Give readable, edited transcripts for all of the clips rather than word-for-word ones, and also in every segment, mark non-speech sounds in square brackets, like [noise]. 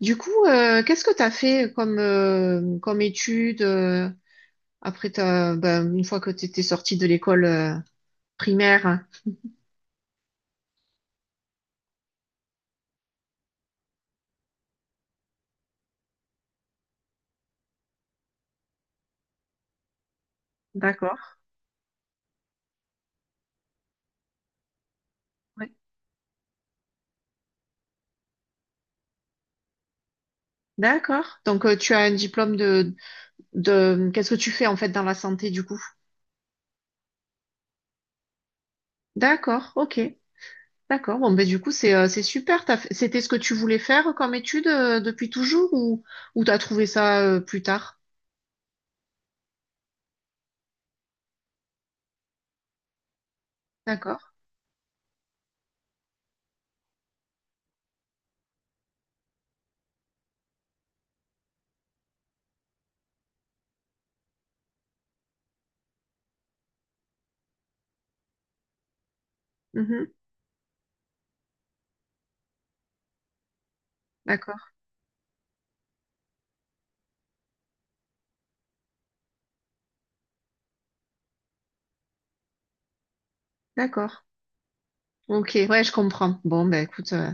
Qu'est-ce que tu as fait comme, comme étude après ta, une fois que tu étais sortie de l'école primaire? D'accord. Ouais. D'accord. Donc, tu as un diplôme de... Qu'est-ce que tu fais en fait dans la santé du coup? D'accord, ok. D'accord. Bon, ben, du coup, c'est super. C'était ce que tu voulais faire comme étude depuis toujours ou tu as trouvé ça plus tard? D'accord. Mhm. D'accord. D'accord. Ok, ouais, je comprends. Bon, ben écoute,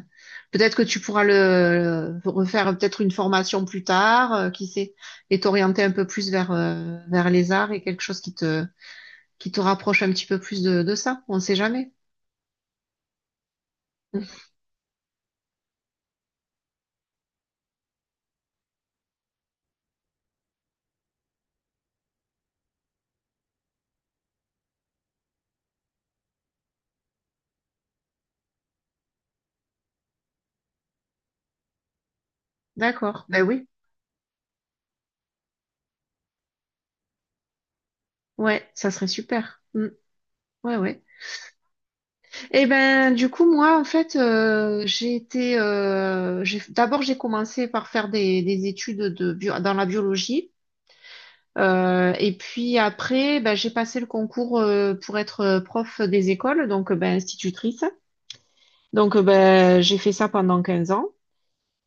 peut-être que tu pourras refaire peut-être une formation plus tard, qui sait, et t'orienter un peu plus vers vers les arts et quelque chose qui te rapproche un petit peu plus de ça. On sait jamais. Mm. D'accord. Ben oui. Ouais, ça serait super. Mm. Ouais, ouais. Et ben du coup, moi, en fait, j'ai été, j'ai commencé par faire des études de bio, dans la biologie. Et puis après, ben, j'ai passé le concours pour être prof des écoles, donc ben, institutrice. Donc ben, j'ai fait ça pendant 15 ans.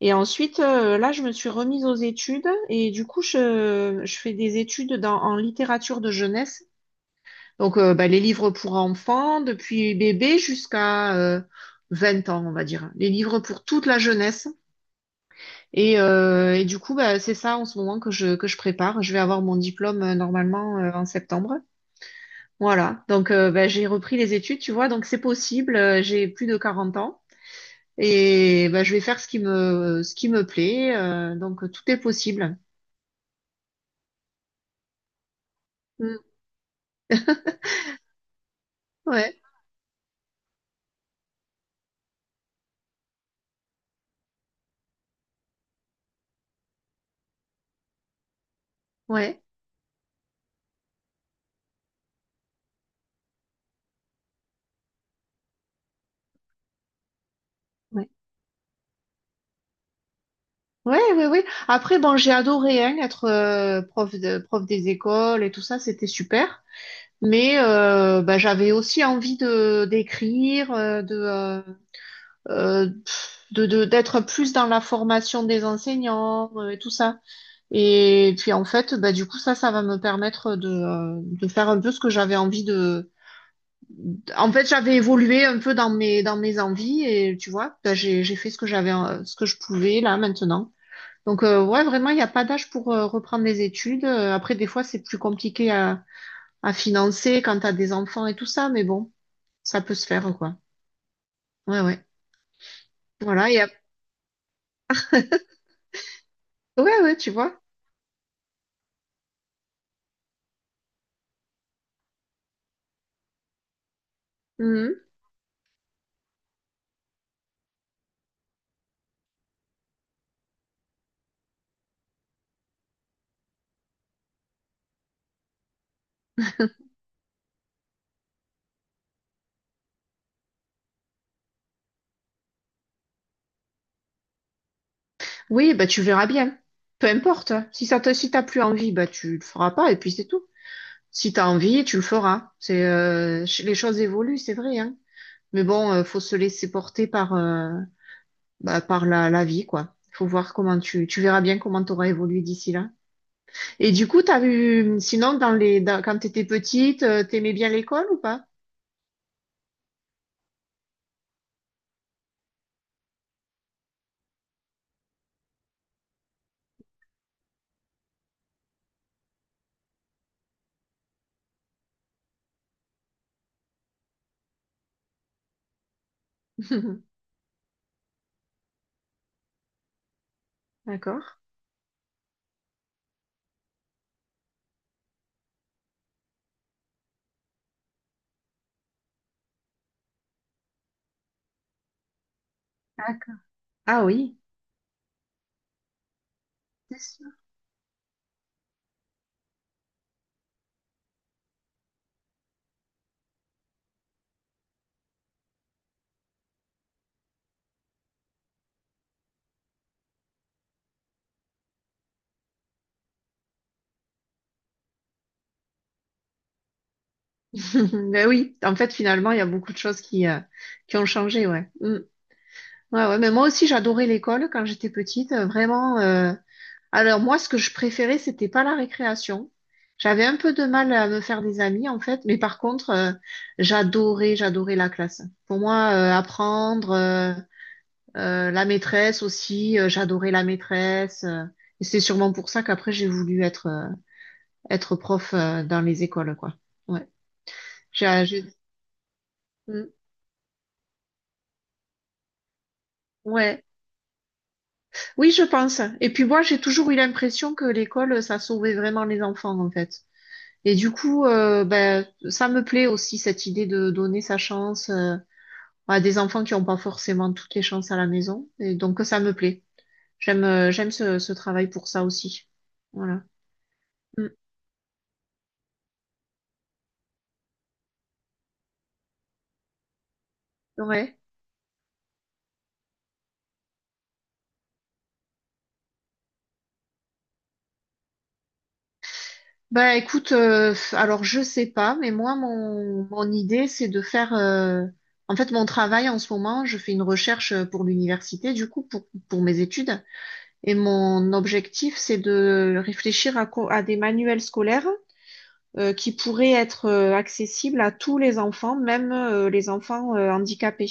Et ensuite, là, je me suis remise aux études et du coup, je fais des études en littérature de jeunesse. Donc ben, les livres pour enfants, depuis bébé jusqu'à 20 ans, on va dire. Les livres pour toute la jeunesse. Et du coup, ben, c'est ça en ce moment que que je prépare. Je vais avoir mon diplôme normalement en septembre. Voilà, donc bah, j'ai repris les études, tu vois, donc c'est possible, j'ai plus de 40 ans et bah, je vais faire ce qui me plaît, donc tout est possible. Mm. Ouais, ouais, ouais, ouais, ouais, ouais. Après, bon, j'ai adoré hein, être prof des écoles et tout ça, c'était super. Mais bah, j'avais aussi envie de d'écrire, de, pff, de d'être plus dans la formation des enseignants et tout ça. Et puis en fait, bah, du coup, ça va me permettre de faire un peu ce que j'avais envie de. En fait, j'avais évolué un peu dans dans mes envies et tu vois, bah, j'ai fait ce que j'avais, ce que je pouvais là maintenant. Donc ouais, vraiment, il n'y a pas d'âge pour reprendre les études. Après, des fois, c'est plus compliqué à financer quand t'as des enfants et tout ça, mais bon, ça peut se faire quoi. Ouais, ouais. Voilà. Ouais, ouais, tu vois. Mhm. Oui, bah tu verras bien. Peu importe, hein. Si ça te, si t'as plus envie, bah tu le feras pas et puis c'est tout. Si t'as envie, tu le feras. C'est les choses évoluent, c'est vrai, hein. Mais bon, faut se laisser porter par bah, par la vie, quoi. Faut voir comment tu verras bien comment t'auras évolué d'ici là. Et du coup, t'as vu sinon dans les quand t'étais petite, t'aimais bien l'école ou pas? [laughs] D'accord. D'accord. Ah oui. C'est sûr. [laughs] Ben oui, en fait, finalement, il y a beaucoup de choses qui ont changé, ouais. Mm. Ouais, ouais, mais moi aussi, j'adorais l'école quand j'étais petite, vraiment. Euh, alors moi, ce que je préférais, c'était pas la récréation. J'avais un peu de mal à me faire des amis, en fait, mais par contre, j'adorais la classe. Pour moi, apprendre, la maîtresse aussi, j'adorais la maîtresse. Euh, et c'est sûrement pour ça qu'après, j'ai voulu être, être prof, dans les écoles, quoi. Ouais. J'ai, j'ai- Mm. Ouais. Oui, je pense. Et puis moi, j'ai toujours eu l'impression que l'école, ça sauvait vraiment les enfants, en fait. Et du coup, ben, ça me plaît aussi cette idée de donner sa chance à des enfants qui n'ont pas forcément toutes les chances à la maison. Et donc ça me plaît. J'aime j'aime ce travail pour ça aussi. Voilà. Mm. Ouais. Bah écoute, alors je sais pas, mais moi mon idée c'est de faire. Euh, en fait, mon travail en ce moment, je fais une recherche pour l'université, du coup pour mes études. Et mon objectif c'est de réfléchir à à des manuels scolaires qui pourrait être accessible à tous les enfants, même les enfants handicapés,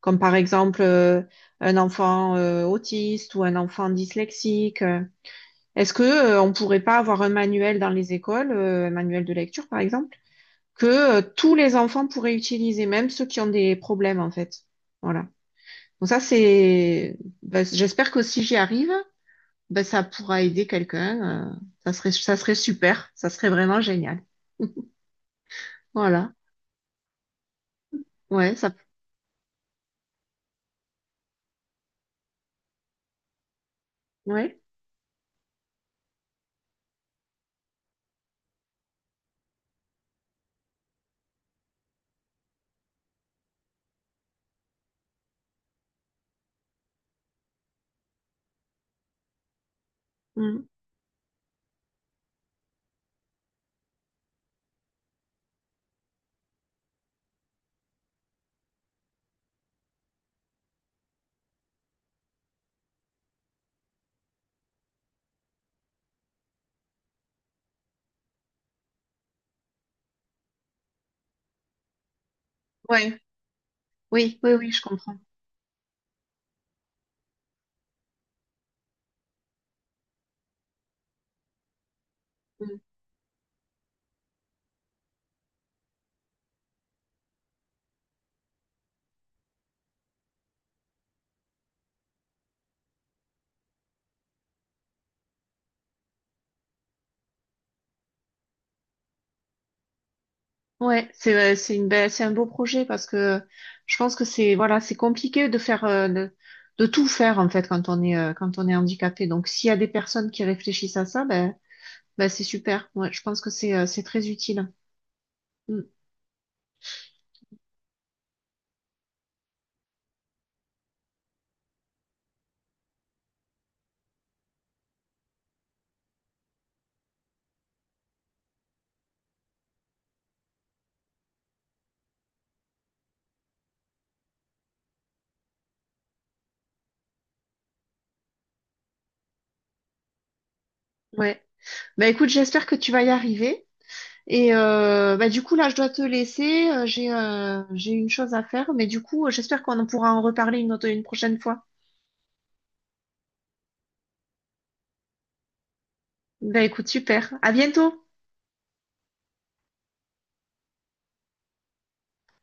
comme par exemple un enfant autiste ou un enfant dyslexique. Euh. Est-ce que on pourrait pas avoir un manuel dans les écoles, un manuel de lecture par exemple, que tous les enfants pourraient utiliser, même ceux qui ont des problèmes en fait. Voilà. Donc ça c'est, ben, j'espère que si j'y arrive, ben ça pourra aider quelqu'un. Euh, ça serait super. Ça serait vraiment génial. [laughs] Voilà. Ouais, ça Ouais. Mm. Ouais. Oui, oui, oui, je comprends. Mm. Ouais, c'est une belle, c'est un beau projet parce que je pense que c'est voilà, c'est compliqué de faire de tout faire en fait quand on est handicapé. Donc s'il y a des personnes qui réfléchissent à ça, ben c'est super. Ouais, je pense que c'est très utile. Mm. Ouais. Ben écoute, j'espère que tu vas y arriver. Et ben, du coup là, je dois te laisser. J'ai j'ai une chose à faire, mais du coup, j'espère qu'on en pourra en reparler une prochaine fois. Ben écoute, super. À bientôt.